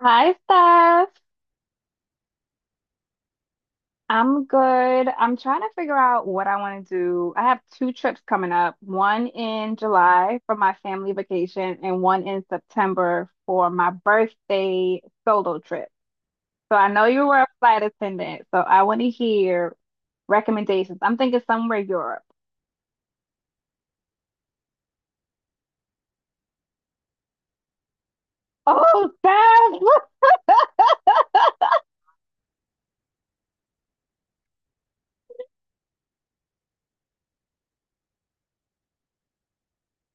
Hi, Steph. I'm good. I'm trying to figure out what I want to do. I have two trips coming up, one in July for my family vacation and one in September for my birthday solo trip. So I know you were a flight attendant, so I want to hear recommendations. I'm thinking somewhere Europe. Oh, Steph!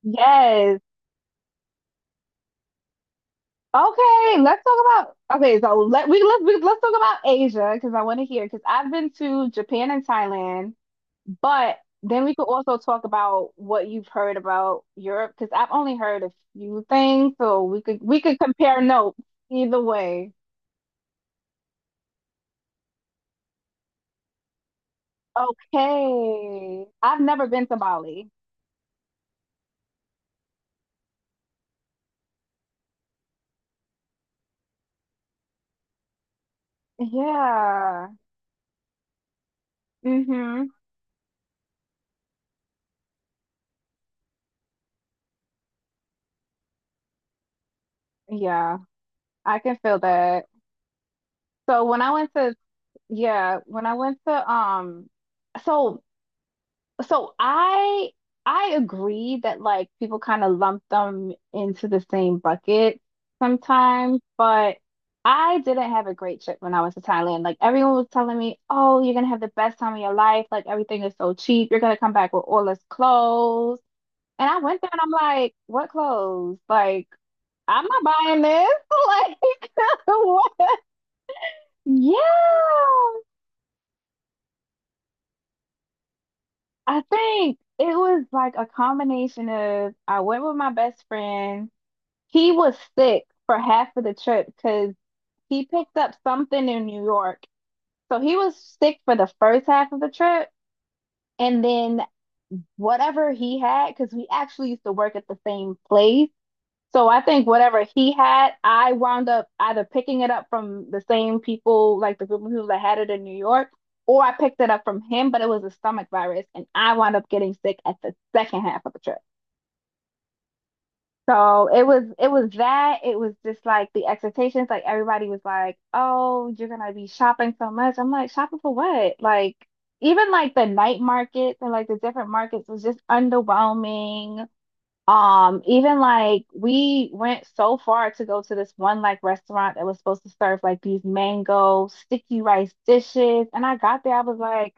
Yes. Okay, let's talk about Asia because I want to hear because I've been to Japan and Thailand. But then we could also talk about what you've heard about Europe because I've only heard a few things, so we could compare notes either way. Okay. I've never been to Bali. Yeah. Mm-hmm. Yeah, I can feel that. So when I went to yeah, when I went to so so I agree that like people kind of lump them into the same bucket sometimes, but I didn't have a great trip when I was to Thailand. Like everyone was telling me, "Oh, you're gonna have the best time of your life. Like everything is so cheap. You're gonna come back with all this clothes." And I went there and I'm like, "What clothes? Like I'm not buying this. Like what? Yeah." I think it was like a combination of I went with my best friend. He was sick for half of the trip because he picked up something in New York. So he was sick for the first half of the trip. And then whatever he had, because we actually used to work at the same place. So I think whatever he had, I wound up either picking it up from the same people, like the group of people that had it in New York, or I picked it up from him, but it was a stomach virus. And I wound up getting sick at the second half of the trip. So it was that. It was just like the expectations. Like everybody was like, "Oh, you're gonna be shopping so much." I'm like, "Shopping for what?" Like even like the night markets and like the different markets was just underwhelming. Even like we went so far to go to this one like restaurant that was supposed to serve like these mango sticky rice dishes, and I got there, I was like,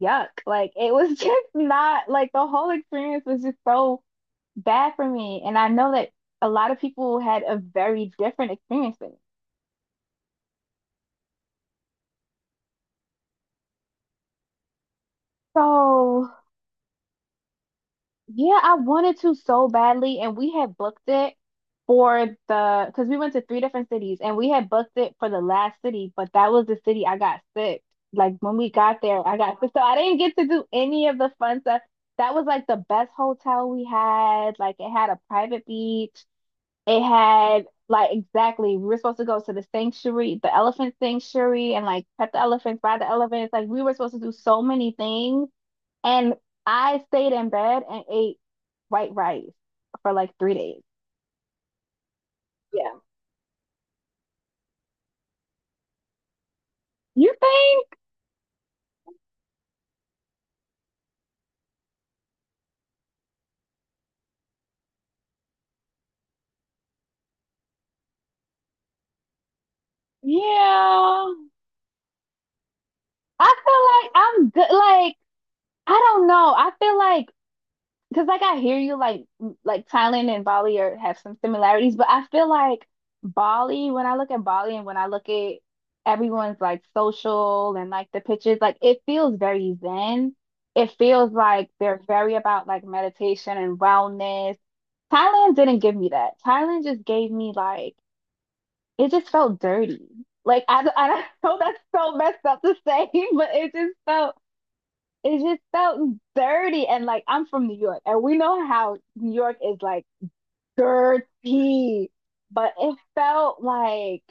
"Yuck!" Like it was just not like the whole experience was just so bad for me. And I know that a lot of people had a very different experience with it. So, yeah, I wanted to so badly, and we had booked it for the because we went to three different cities, and we had booked it for the last city, but that was the city I got sick. Like when we got there, I got sick, so I didn't get to do any of the fun stuff. That was like the best hotel we had. Like it had a private beach. It had like exactly we were supposed to go to the sanctuary, the elephant sanctuary, and like pet the elephants, buy the elephants. Like we were supposed to do so many things. And I stayed in bed and ate white rice for like 3 days. Yeah. You think? Yeah. I feel like I'm good. Like, I don't know. I feel like. Because like I hear you like Thailand and Bali are have some similarities, but I feel like Bali, when I look at Bali and when I look at everyone's like social and like the pictures, like it feels very zen. It feels like they're very about like meditation and wellness. Thailand didn't give me that. Thailand just gave me like it just felt dirty. Like I know that's so messed up to say, but it just felt dirty. And like I'm from New York, and we know how New York is like dirty, but it felt like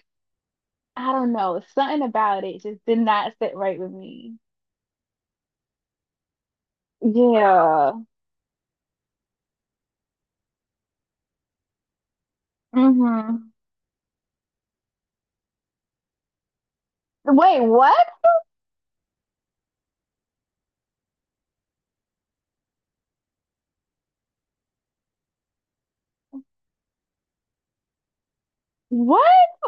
I don't know, something about it just did not sit right with me. Yeah. Mm-hmm. Wait, what? What?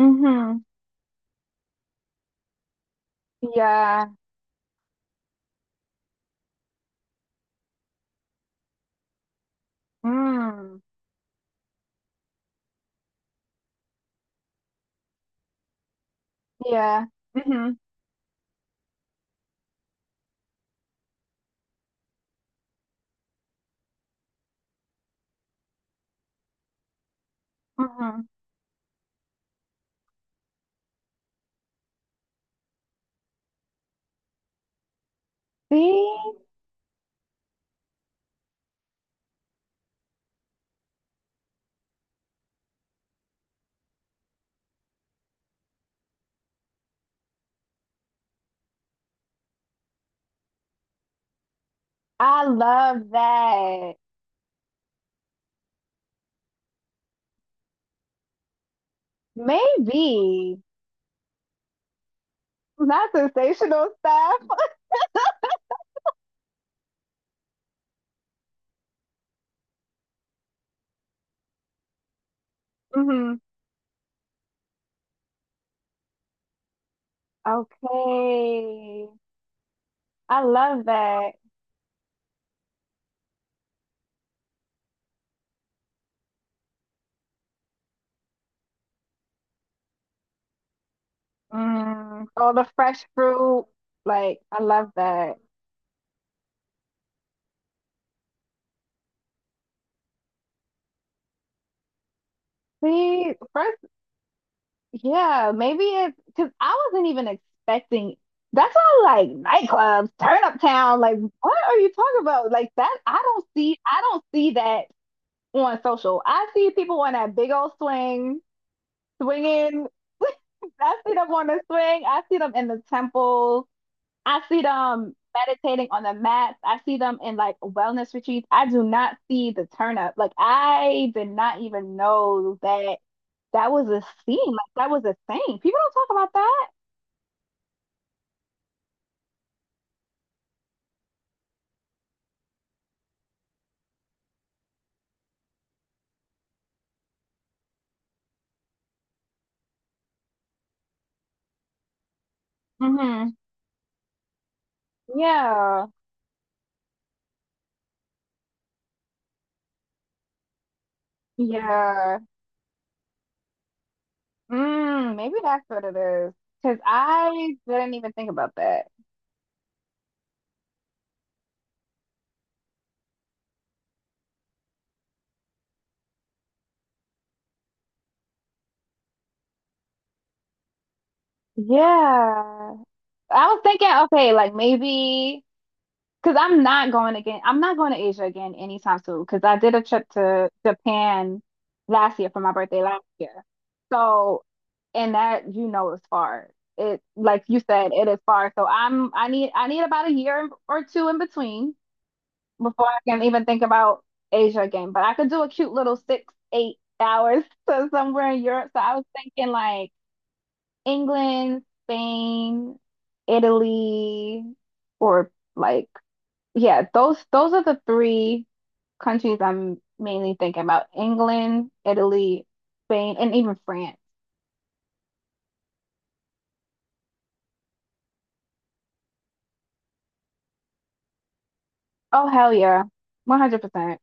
Mm-hmm. Yeah. Mm. Yeah. Mm-hmm. Mm-hmm. See, I love that. Maybe not sensational stuff. Mm-hmm. Okay. I love that. Mm, all the fresh fruit. Like, I love that. See, first, yeah, maybe it's because I wasn't even expecting. That's why, like, nightclubs, turn up town. Like, what are you talking about? Like that, I don't see that on social. I see people on that big old swing, swinging. I see them on the swing. I see them in the temples. I see them meditating on the mats. I see them in like wellness retreats. I do not see the turn up. Like I did not even know that that was a scene. Like that was a thing. People don't talk about that. Mm-hmm. Yeah. Yeah. Mm, maybe that's what it is. Because I didn't even think about that. Yeah. I was thinking, okay, like maybe. Because I'm not going again. I'm not going to Asia again anytime soon. Because I did a trip to Japan last year for my birthday last year. So, and that is far. It like you said, it is far. So I need about a year or two in between before I can even think about Asia again. But I could do a cute little 6, 8 hours to somewhere in Europe. So I was thinking like England, Spain, Italy, or like yeah, those are the three countries I'm mainly thinking about. England, Italy, Spain, and even France. Oh hell yeah. 100%.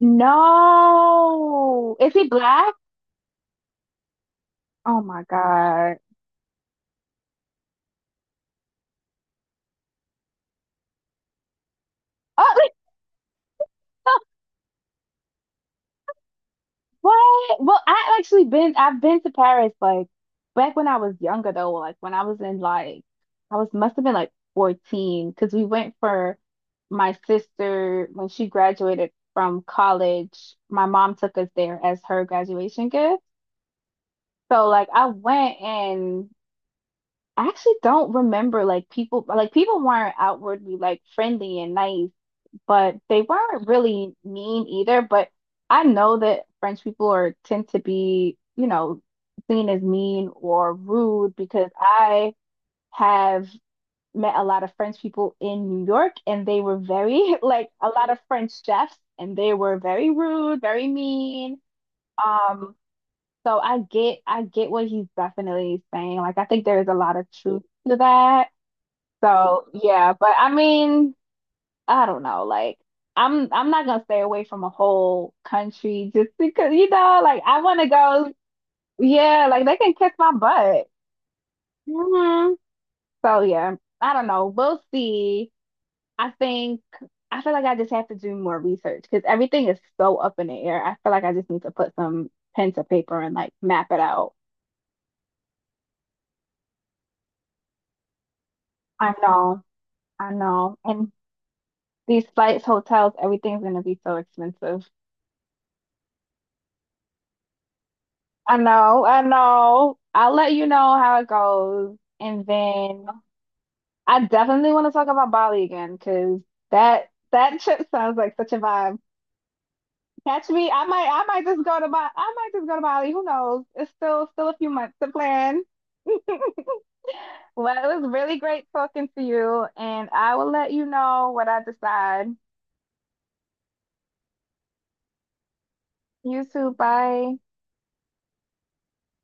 No. Is he black? Oh my God. Oh, What? Well, I've been to Paris like back when I was younger though, like when I was in like I was must have been like 14 because we went for my sister when she graduated from college. My mom took us there as her graduation gift. So like I went and I actually don't remember like people weren't outwardly like friendly and nice but they weren't really mean either. But I know that French people are tend to be seen as mean or rude because I have met a lot of French people in New York and they were very like a lot of French chefs and they were very rude, very mean. Um, so I get what he's definitely saying. Like I think there is a lot of truth to that. So yeah, but I mean I don't know, like I'm not gonna stay away from a whole country just because like I wanna go, yeah, like they can kiss my butt. Hmm. So yeah, I don't know. We'll see. I think I feel like I just have to do more research because everything is so up in the air. I feel like I just need to put some pen to paper and like map it out. I know, I know. And these flights, hotels, everything's gonna be so expensive. I know, I know. I'll let you know how it goes. And then I definitely want to talk about Bali again because that trip sounds like such a vibe. Catch me. I might just go to Bali. I might just go to Bali. Who knows? It's still a few months to plan. Well, it was really great talking to you, and I will let you know what I decide. You too. Bye.